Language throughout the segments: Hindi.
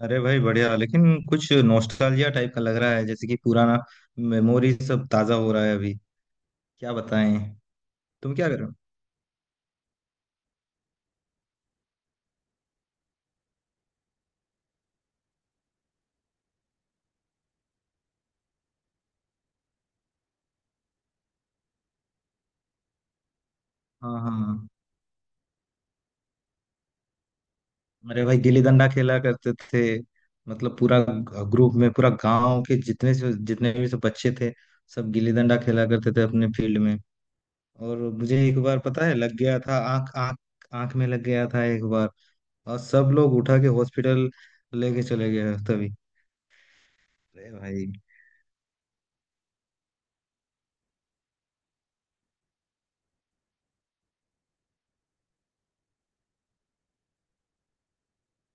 अरे भाई बढ़िया। लेकिन कुछ नॉस्टैल्जिया टाइप का लग रहा है, जैसे कि पुराना मेमोरी सब ताजा हो रहा है अभी। क्या बताएं। तुम क्या कर रहे हो? हाँ, हाँ, हाँ। अरे भाई गिल्ली डंडा खेला करते थे। मतलब पूरा ग्रुप में, पूरा गांव के जितने से जितने भी सब बच्चे थे सब गिल्ली डंडा खेला करते थे अपने फील्ड में। और मुझे एक बार पता है लग गया था आंख आंख आंख में लग गया था एक बार। और सब लोग उठा के हॉस्पिटल लेके चले गए तभी। अरे भाई।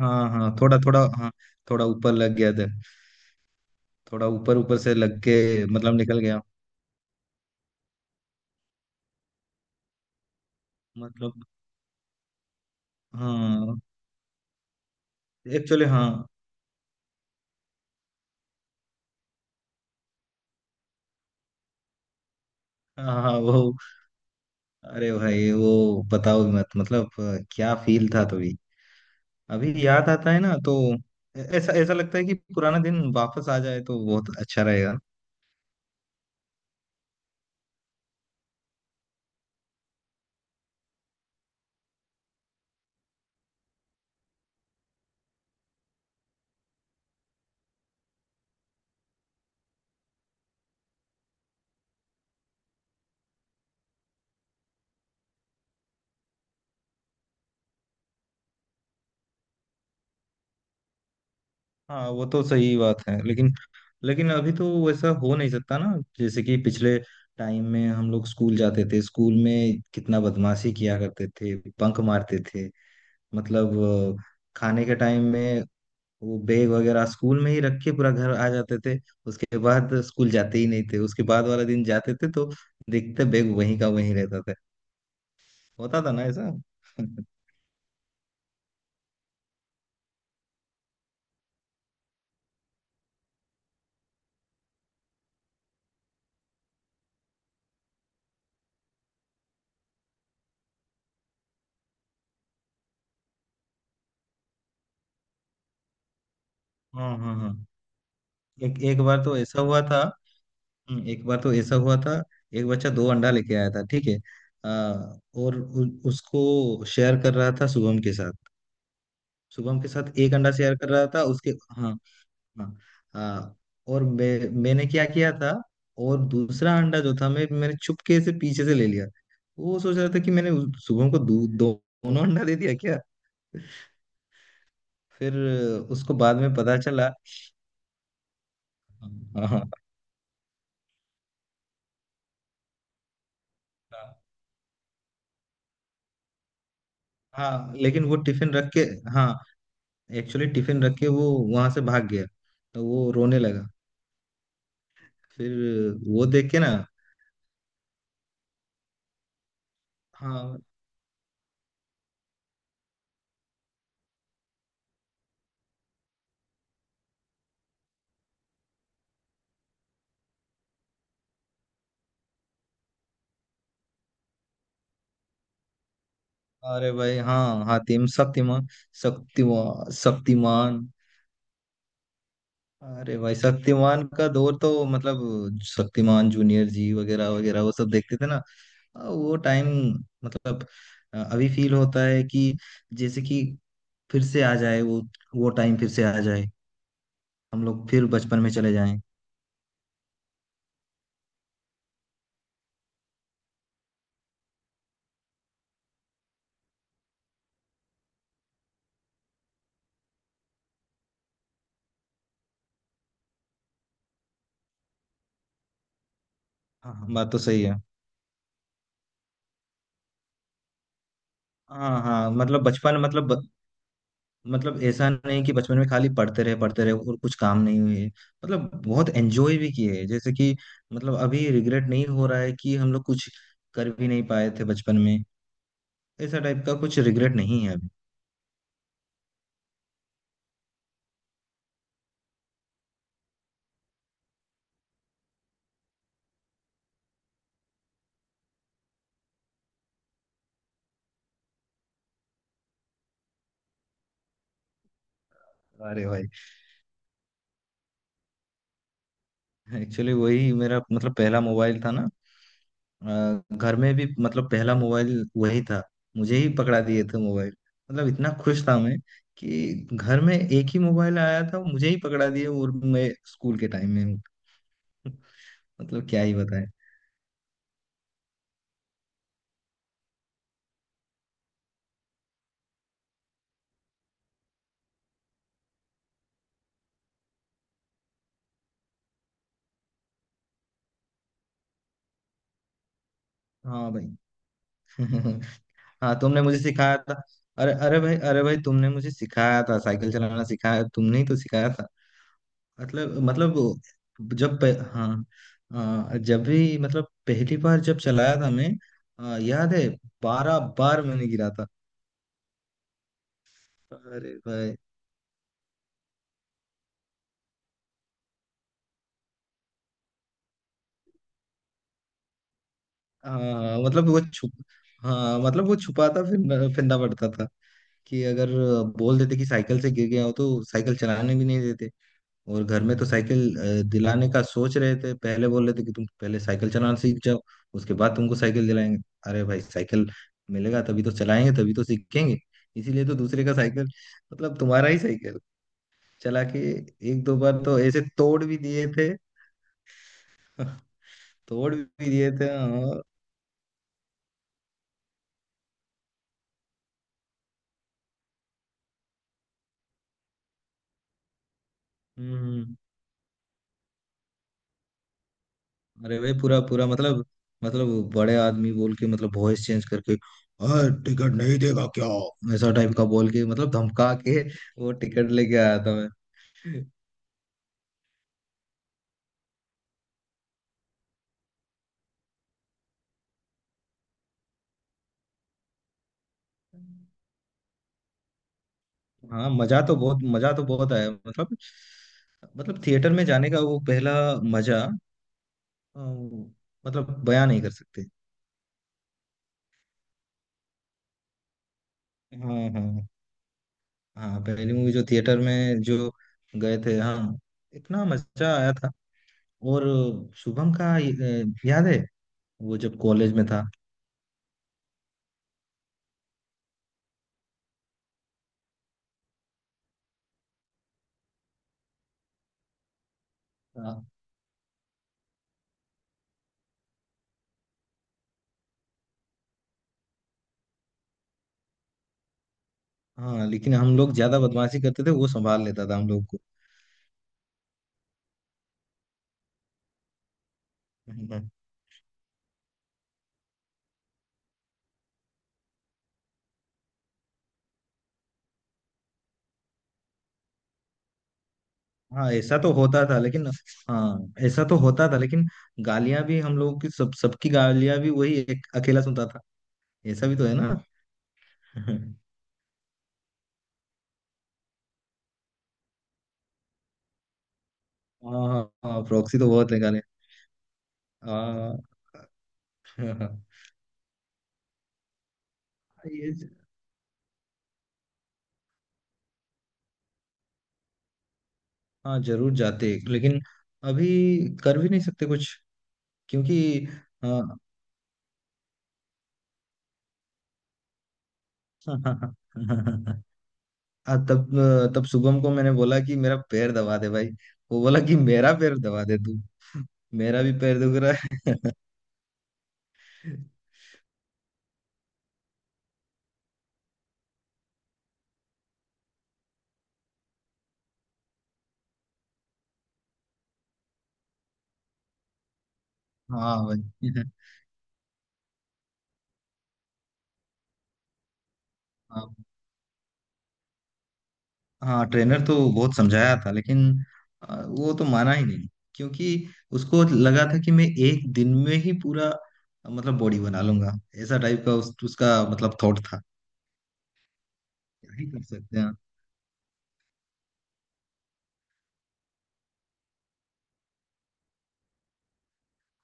हाँ, हाँ, थोड़ा थोड़ा, हाँ। थोड़ा ऊपर लग गया था। थोड़ा ऊपर ऊपर से लग के मतलब निकल गया। मतलब हाँ। एक्चुअली हाँ, हाँ, हाँ, वो। अरे भाई वो बताओ ही मत। मतलब क्या फील था तभी। अभी याद आता है ना तो ऐ- ऐसा ऐसा लगता है कि पुराना दिन वापस आ जाए तो बहुत अच्छा रहेगा। हाँ वो तो सही बात है, लेकिन लेकिन अभी तो वैसा हो नहीं सकता ना। जैसे कि पिछले टाइम में हम लोग स्कूल जाते थे। स्कूल में कितना बदमाशी किया करते थे, बंक मारते थे। मतलब अ, खाने के टाइम में वो बैग वगैरह स्कूल में ही रख के पूरा घर आ जाते थे। उसके बाद स्कूल जाते ही नहीं थे, उसके बाद वाला दिन जाते थे तो देखते बैग वहीं का वहीं रहता था। होता था ना ऐसा। हाँ, हाँ, हाँ। एक एक बार तो ऐसा हुआ था। एक बार तो ऐसा हुआ था। एक बच्चा दो अंडा लेके आया था, ठीक है। आ, और उसको शेयर कर रहा था शुभम के साथ। शुभम के साथ एक अंडा शेयर कर रहा था उसके। हाँ, हाँ, हाँ। और मैंने क्या किया था। और दूसरा अंडा जो था मैंने चुपके से पीछे से ले लिया। वो सोच रहा था कि मैंने शुभम को दो दो- दोनों अंडा दे दिया क्या। फिर उसको बाद में पता चला। हाँ, हाँ, हाँ, लेकिन वो टिफिन रख के। हाँ एक्चुअली टिफिन रख के वो वहां से भाग गया। तो वो रोने लगा फिर वो देख के ना। हाँ। अरे भाई। हाँ, हातिम, शक्तिमान, शक्तिमान, शक्तिमान। अरे भाई शक्तिमान का दौर तो मतलब शक्तिमान जूनियर जी वगैरह वगैरह वो सब देखते थे ना। वो टाइम, मतलब अभी फील होता है कि जैसे कि फिर से आ जाए वो टाइम फिर से आ जाए। हम लोग फिर बचपन में चले जाएं। हाँ, हाँ, बात तो सही है। हाँ, हाँ, मतलब बचपन, मतलब ऐसा नहीं कि बचपन में खाली पढ़ते रहे और कुछ काम नहीं हुए। मतलब बहुत एंजॉय भी किए हैं। जैसे कि मतलब अभी रिग्रेट नहीं हो रहा है कि हम लोग कुछ कर भी नहीं पाए थे बचपन में। ऐसा टाइप का कुछ रिग्रेट नहीं है अभी। अरे भाई एक्चुअली वही मेरा मतलब पहला मोबाइल था ना। घर में भी मतलब पहला मोबाइल वही था। मुझे ही पकड़ा दिए थे मोबाइल। मतलब इतना खुश था मैं कि घर में एक ही मोबाइल आया था मुझे ही पकड़ा दिए और मैं स्कूल के टाइम में हूँ। मतलब क्या ही बताएं। हाँ भाई। हाँ तुमने मुझे सिखाया था। अरे, अरे भाई, अरे भाई, तुमने मुझे सिखाया था, साइकिल चलाना सिखाया, तुमने ही तो सिखाया था। मतलब वो जब पे, हाँ। जब भी मतलब पहली बार जब चलाया था मैं। याद है 12 बार मैंने गिरा था। अरे भाई। मतलब वो छुप, हाँ मतलब वो छुपाता फिर फिरना पड़ता था कि अगर बोल देते कि साइकिल से गिर गया हो तो साइकिल चलाने भी नहीं देते। और घर में तो साइकिल दिलाने का सोच रहे थे, पहले बोल रहे थे कि तुम पहले साइकिल चलाना सीख जाओ, उसके बाद तुमको साइकिल दिलाएंगे। अरे भाई साइकिल मिलेगा तभी तो चलाएंगे, तभी तो सीखेंगे। इसीलिए तो दूसरे का साइकिल, मतलब तुम्हारा ही साइकिल चला के एक दो बार तो ऐसे तोड़ भी दिए थे। तोड़ भी दिए थे और हम्म। अरे भाई पूरा पूरा, मतलब बड़े आदमी बोल के मतलब वॉइस चेंज करके और टिकट नहीं देगा क्या, ऐसा टाइप का बोल के मतलब धमका के वो टिकट लेके आया था। हाँ मजा तो बहुत आया, मतलब मतलब थिएटर में जाने का वो पहला मजा अ, मतलब बयां नहीं कर सकते। हाँ, हाँ, हाँ। पहली मूवी जो थिएटर में जो गए थे, हाँ, इतना मजा आया था। और शुभम का याद है वो जब कॉलेज में था। हाँ। हाँ, लेकिन हम लोग ज्यादा बदमाशी करते थे वो संभाल लेता था हम लोग को। हाँ ऐसा तो होता था लेकिन हाँ ऐसा तो होता था, लेकिन गालियां भी हम लोगों की, सब सबकी गालियां भी वही एक अकेला सुनता था। ऐसा भी तो है ना। हाँ, हाँ, प्रॉक्सी तो बहुत है गाने, हाँ। ये, हाँ जरूर जाते लेकिन अभी कर भी नहीं सकते कुछ क्योंकि, हाँ। हाँ, तब तब शुभम को मैंने बोला कि मेरा पैर दबा दे भाई। वो बोला कि मेरा पैर दबा दे तू, मेरा भी पैर दुख रहा है। हाँ भाई। हाँ, हाँ, ट्रेनर तो बहुत समझाया था, लेकिन वो तो माना ही नहीं, क्योंकि उसको लगा था कि मैं एक दिन में ही पूरा मतलब बॉडी बना लूंगा। ऐसा टाइप का उसका मतलब थॉट था। क्या ही कर सकते हैं।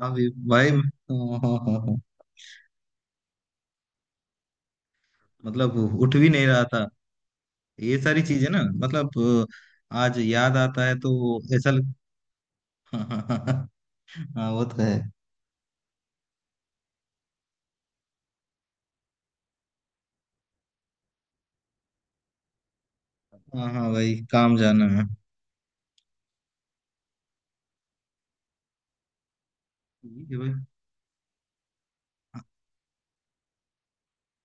हाँ भाई। हाँ, हाँ, हाँ, हाँ। मतलब उठ भी नहीं रहा था। ये सारी चीजें ना, मतलब आज याद आता है तो ऐसा लग... हाँ, हाँ, हाँ। हाँ वो तो है। हाँ, हाँ भाई काम जाना है। ठीक है भाई।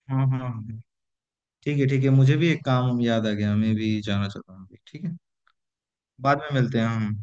हाँ, हाँ, हाँ। ठीक है, ठीक है, मुझे भी एक काम याद आ गया, मैं भी जाना चाहता हूँ अभी, ठीक है। बाद में मिलते हैं हम।